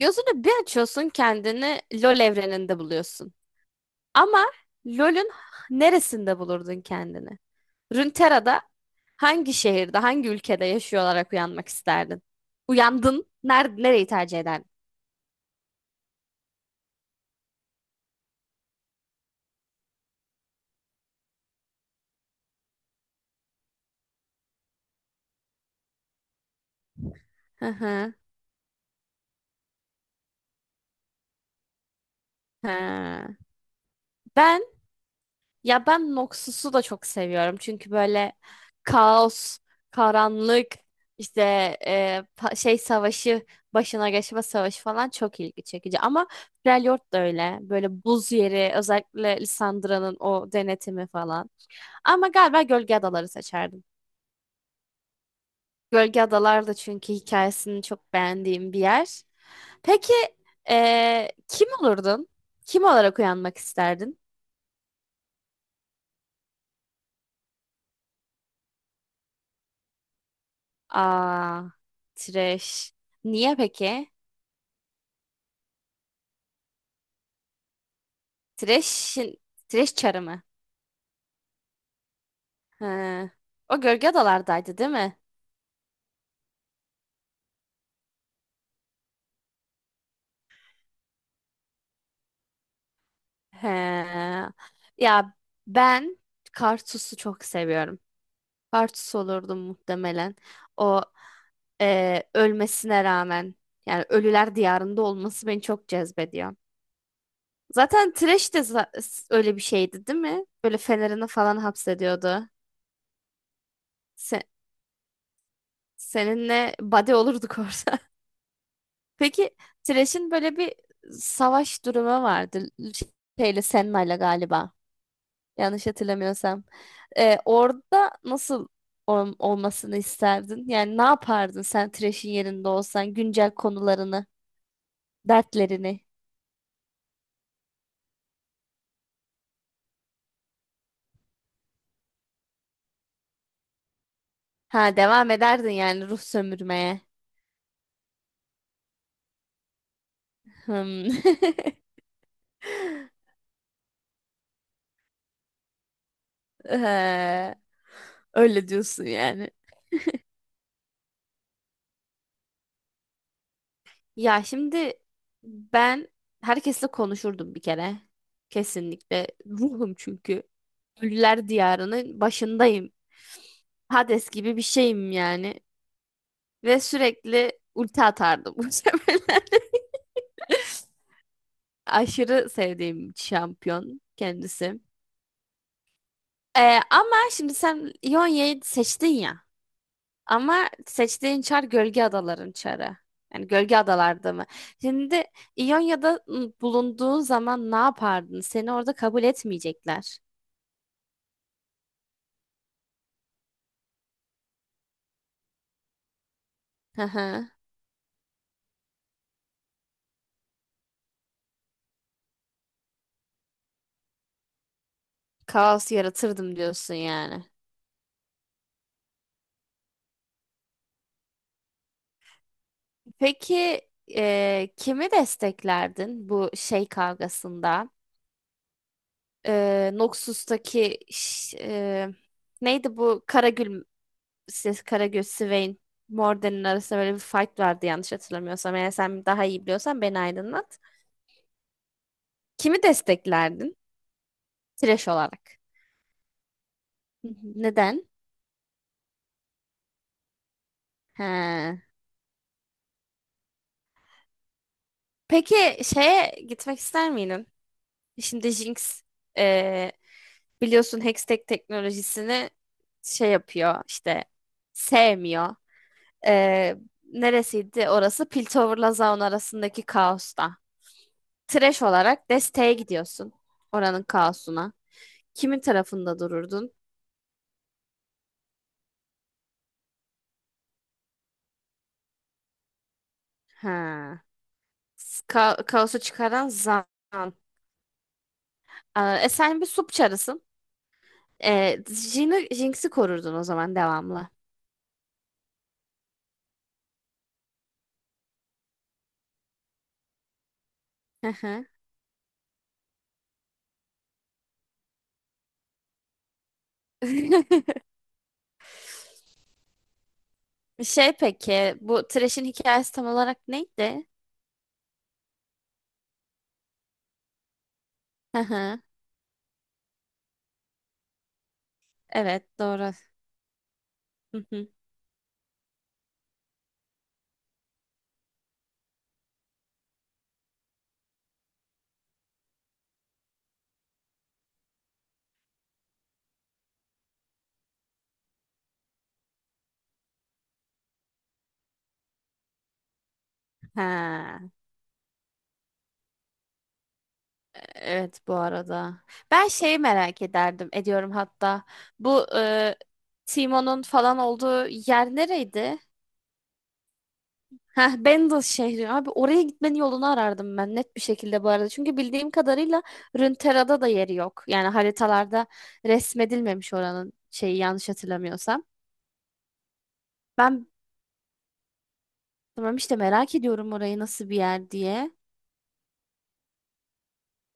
Gözünü bir açıyorsun, kendini LoL evreninde buluyorsun. Ama LoL'ün neresinde bulurdun kendini? Runeterra'da hangi şehirde, hangi ülkede yaşıyor olarak uyanmak isterdin? Uyandın, nereyi tercih ederdin? Hı hı. Ha. Ben Ya ben Noxus'u da çok seviyorum. Çünkü böyle kaos, karanlık, işte şey savaşı, başına geçme savaşı falan çok ilgi çekici. Ama Freljord da öyle. Böyle buz yeri, özellikle Lissandra'nın o denetimi falan. Ama galiba Gölge Adaları seçerdim. Gölge Adalar da, çünkü hikayesini çok beğendiğim bir yer. Peki kim olurdun? Kim olarak uyanmak isterdin? Aa, Tireş. Niye peki? Tireş'in Tireş çarı mı? He. O gölge adalardaydı değil mi? He. Ya ben Kartus'u çok seviyorum. Kartus olurdum muhtemelen. O ölmesine rağmen, yani ölüler diyarında olması beni çok cezbediyor. Zaten Thresh de öyle bir şeydi değil mi? Böyle fenerini falan hapsediyordu. Se- seninle buddy olurduk orada. Peki Thresh'in böyle bir savaş durumu vardı. Şeyle Senna'yla galiba. Yanlış hatırlamıyorsam. Orada nasıl olmasını isterdin? Yani ne yapardın sen Thresh'in yerinde olsan, güncel konularını, dertlerini? Ha, devam ederdin yani ruh sömürmeye. Hmm. Ee, öyle diyorsun yani. Ya şimdi ben herkesle konuşurdum bir kere. Kesinlikle. Ruhum çünkü. Ölüler diyarının başındayım. Hades gibi bir şeyim yani. Ve sürekli ulti atardım bu sefer. Aşırı sevdiğim şampiyon kendisi. Ee, ama şimdi sen Ionia'yı seçtin ya. Ama seçtiğin çar gölge adaların çarı. Yani gölge adalarda mı? Şimdi İonya'da bulunduğun zaman ne yapardın? Seni orada kabul etmeyecekler. Hı hı. Kaos yaratırdım diyorsun yani. Peki kimi desteklerdin bu şey kavgasında? Noxus'taki neydi bu Karagül ses Karagül Swain Morden'in arasında böyle bir fight vardı yanlış hatırlamıyorsam. Eğer sen daha iyi biliyorsan beni aydınlat. Kimi desteklerdin? Trash olarak. Hı hı. Neden? He. Peki şeye gitmek ister miydin? Şimdi Jinx, e, biliyorsun, Hextech teknolojisini şey yapıyor işte, sevmiyor. E, neresiydi orası? Piltover'la Zaun arasındaki kaosta. Trash olarak desteğe gidiyorsun. Oranın kaosuna. Kimin tarafında dururdun? Ha. Kaosu çıkaran Zaun. Aa, sen bir sup çarısın. Jinx'i korurdun o zaman devamlı. Hı hı. Şey, peki bu Thresh'in hikayesi tam olarak neydi? Hı hı. Evet doğru. Hı hı. Ha, evet, bu arada. Ben şeyi merak ederdim, ediyorum hatta. Bu Teemo'nun falan olduğu yer nereydi? Heh, Bendel şehri. Abi oraya gitmenin yolunu arardım ben net bir şekilde, bu arada. Çünkü bildiğim kadarıyla Runeterra'da da yeri yok. Yani haritalarda resmedilmemiş oranın şeyi, yanlış hatırlamıyorsam. Ben tamam işte, merak ediyorum orayı nasıl bir yer diye.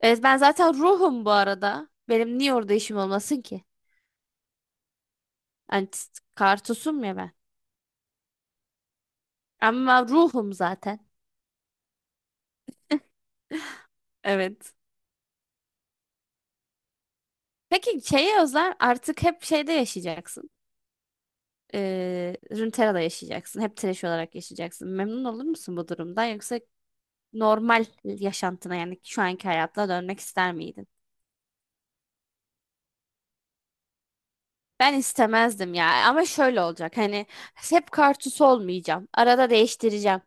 Evet ben zaten ruhum, bu arada. Benim niye orada işim olmasın ki? Hani t- kartusum ya ben. Ama ruhum zaten. Evet. Peki şeye özel, artık hep şeyde yaşayacaksın. Runeterra'da yaşayacaksın. Hep trash olarak yaşayacaksın. Memnun olur musun bu durumdan? Yoksa normal yaşantına, yani şu anki hayatına dönmek ister miydin? Ben istemezdim ya. Ama şöyle olacak. Hani hep kartuş olmayacağım. Arada değiştireceğim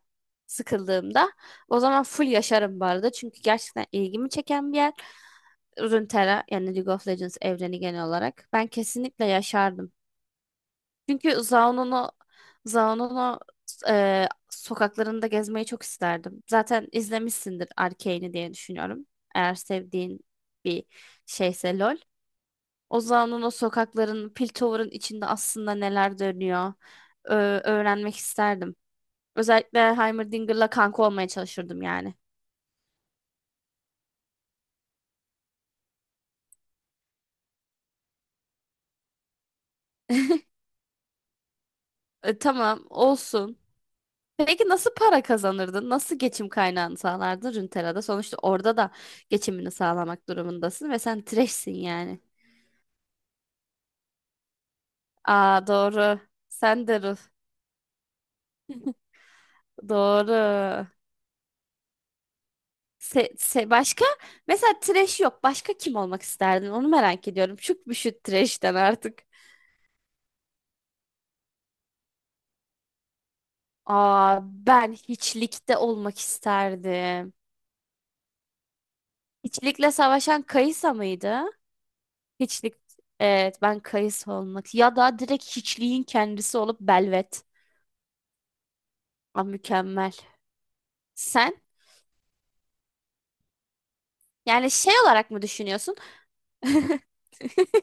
sıkıldığımda. O zaman full yaşarım bu arada. Çünkü gerçekten ilgimi çeken bir yer. Runeterra yani League of Legends evreni genel olarak. Ben kesinlikle yaşardım. Çünkü Zaun'unu sokaklarında gezmeyi çok isterdim. Zaten izlemişsindir Arcane'i diye düşünüyorum. Eğer sevdiğin bir şeyse LOL. O Zaun'un o sokakların, Piltover'ın içinde aslında neler dönüyor ö- öğrenmek isterdim. Özellikle Heimerdinger'la kanka olmaya çalışırdım yani. Tamam olsun. Peki nasıl para kazanırdın? Nasıl geçim kaynağını sağlardın Runeterra'da? Sonuçta orada da geçimini sağlamak durumundasın ve sen trash'sin yani. Aa doğru. Sen de Ruh. Doğru. Başka? Mesela trash yok. Başka kim olmak isterdin? Onu merak ediyorum. Çok bir şu trash'ten artık. Aa, ben hiçlikte olmak isterdim. Hiçlikle savaşan Kayısa mıydı? Hiçlik. Evet, ben Kayısa olmak. Ya da direkt hiçliğin kendisi olup Belvet. Aa, mükemmel. Sen, yani şey olarak mı düşünüyorsun?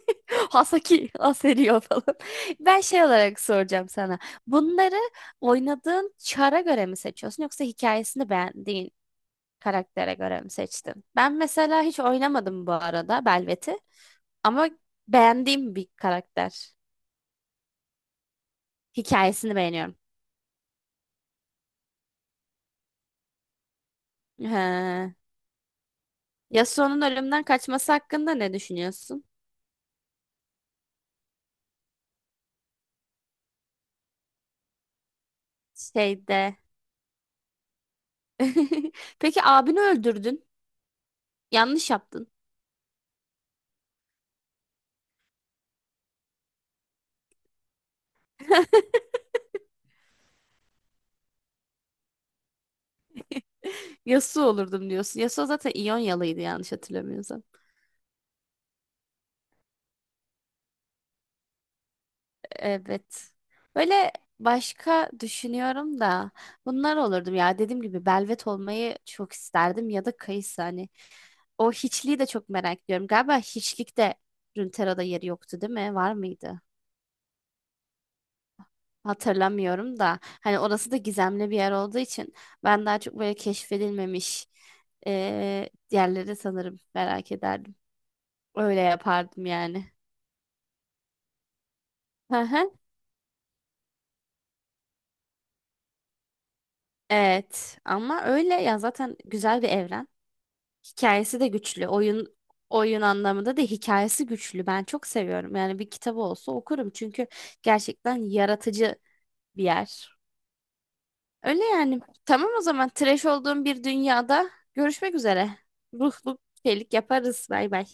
Hasaki, Aseriyo falan. Ben şey olarak soracağım sana. Bunları oynadığın çara göre mi seçiyorsun, yoksa hikayesini beğendiğin karaktere göre mi seçtin? Ben mesela hiç oynamadım bu arada Belvet'i, ama beğendiğim bir karakter. Hikayesini beğeniyorum. He. Yasuo'nun ölümden kaçması hakkında ne düşünüyorsun? Şeyde. Peki abini öldürdün. Yanlış yaptın. Yasuo olurdum diyorsun. Yasuo zaten İyonyalıydı yanlış hatırlamıyorsam. Evet. Böyle başka düşünüyorum da bunlar olurdum ya. Dediğim gibi Belvet olmayı çok isterdim, ya da Kayısı hani. O hiçliği de çok merak ediyorum. Galiba hiçlikte Runeterra'da yeri yoktu değil mi? Var mıydı? Hatırlamıyorum da. Hani orası da gizemli bir yer olduğu için ben daha çok böyle keşfedilmemiş yerleri sanırım merak ederdim. Öyle yapardım yani. Evet, ama öyle ya, zaten güzel bir evren. Hikayesi de güçlü. Oyun anlamında da hikayesi güçlü. Ben çok seviyorum. Yani bir kitabı olsa okurum, çünkü gerçekten yaratıcı bir yer. Öyle yani. Tamam, o zaman trash olduğum bir dünyada görüşmek üzere. Ruhluk şeylik yaparız. Bay bay.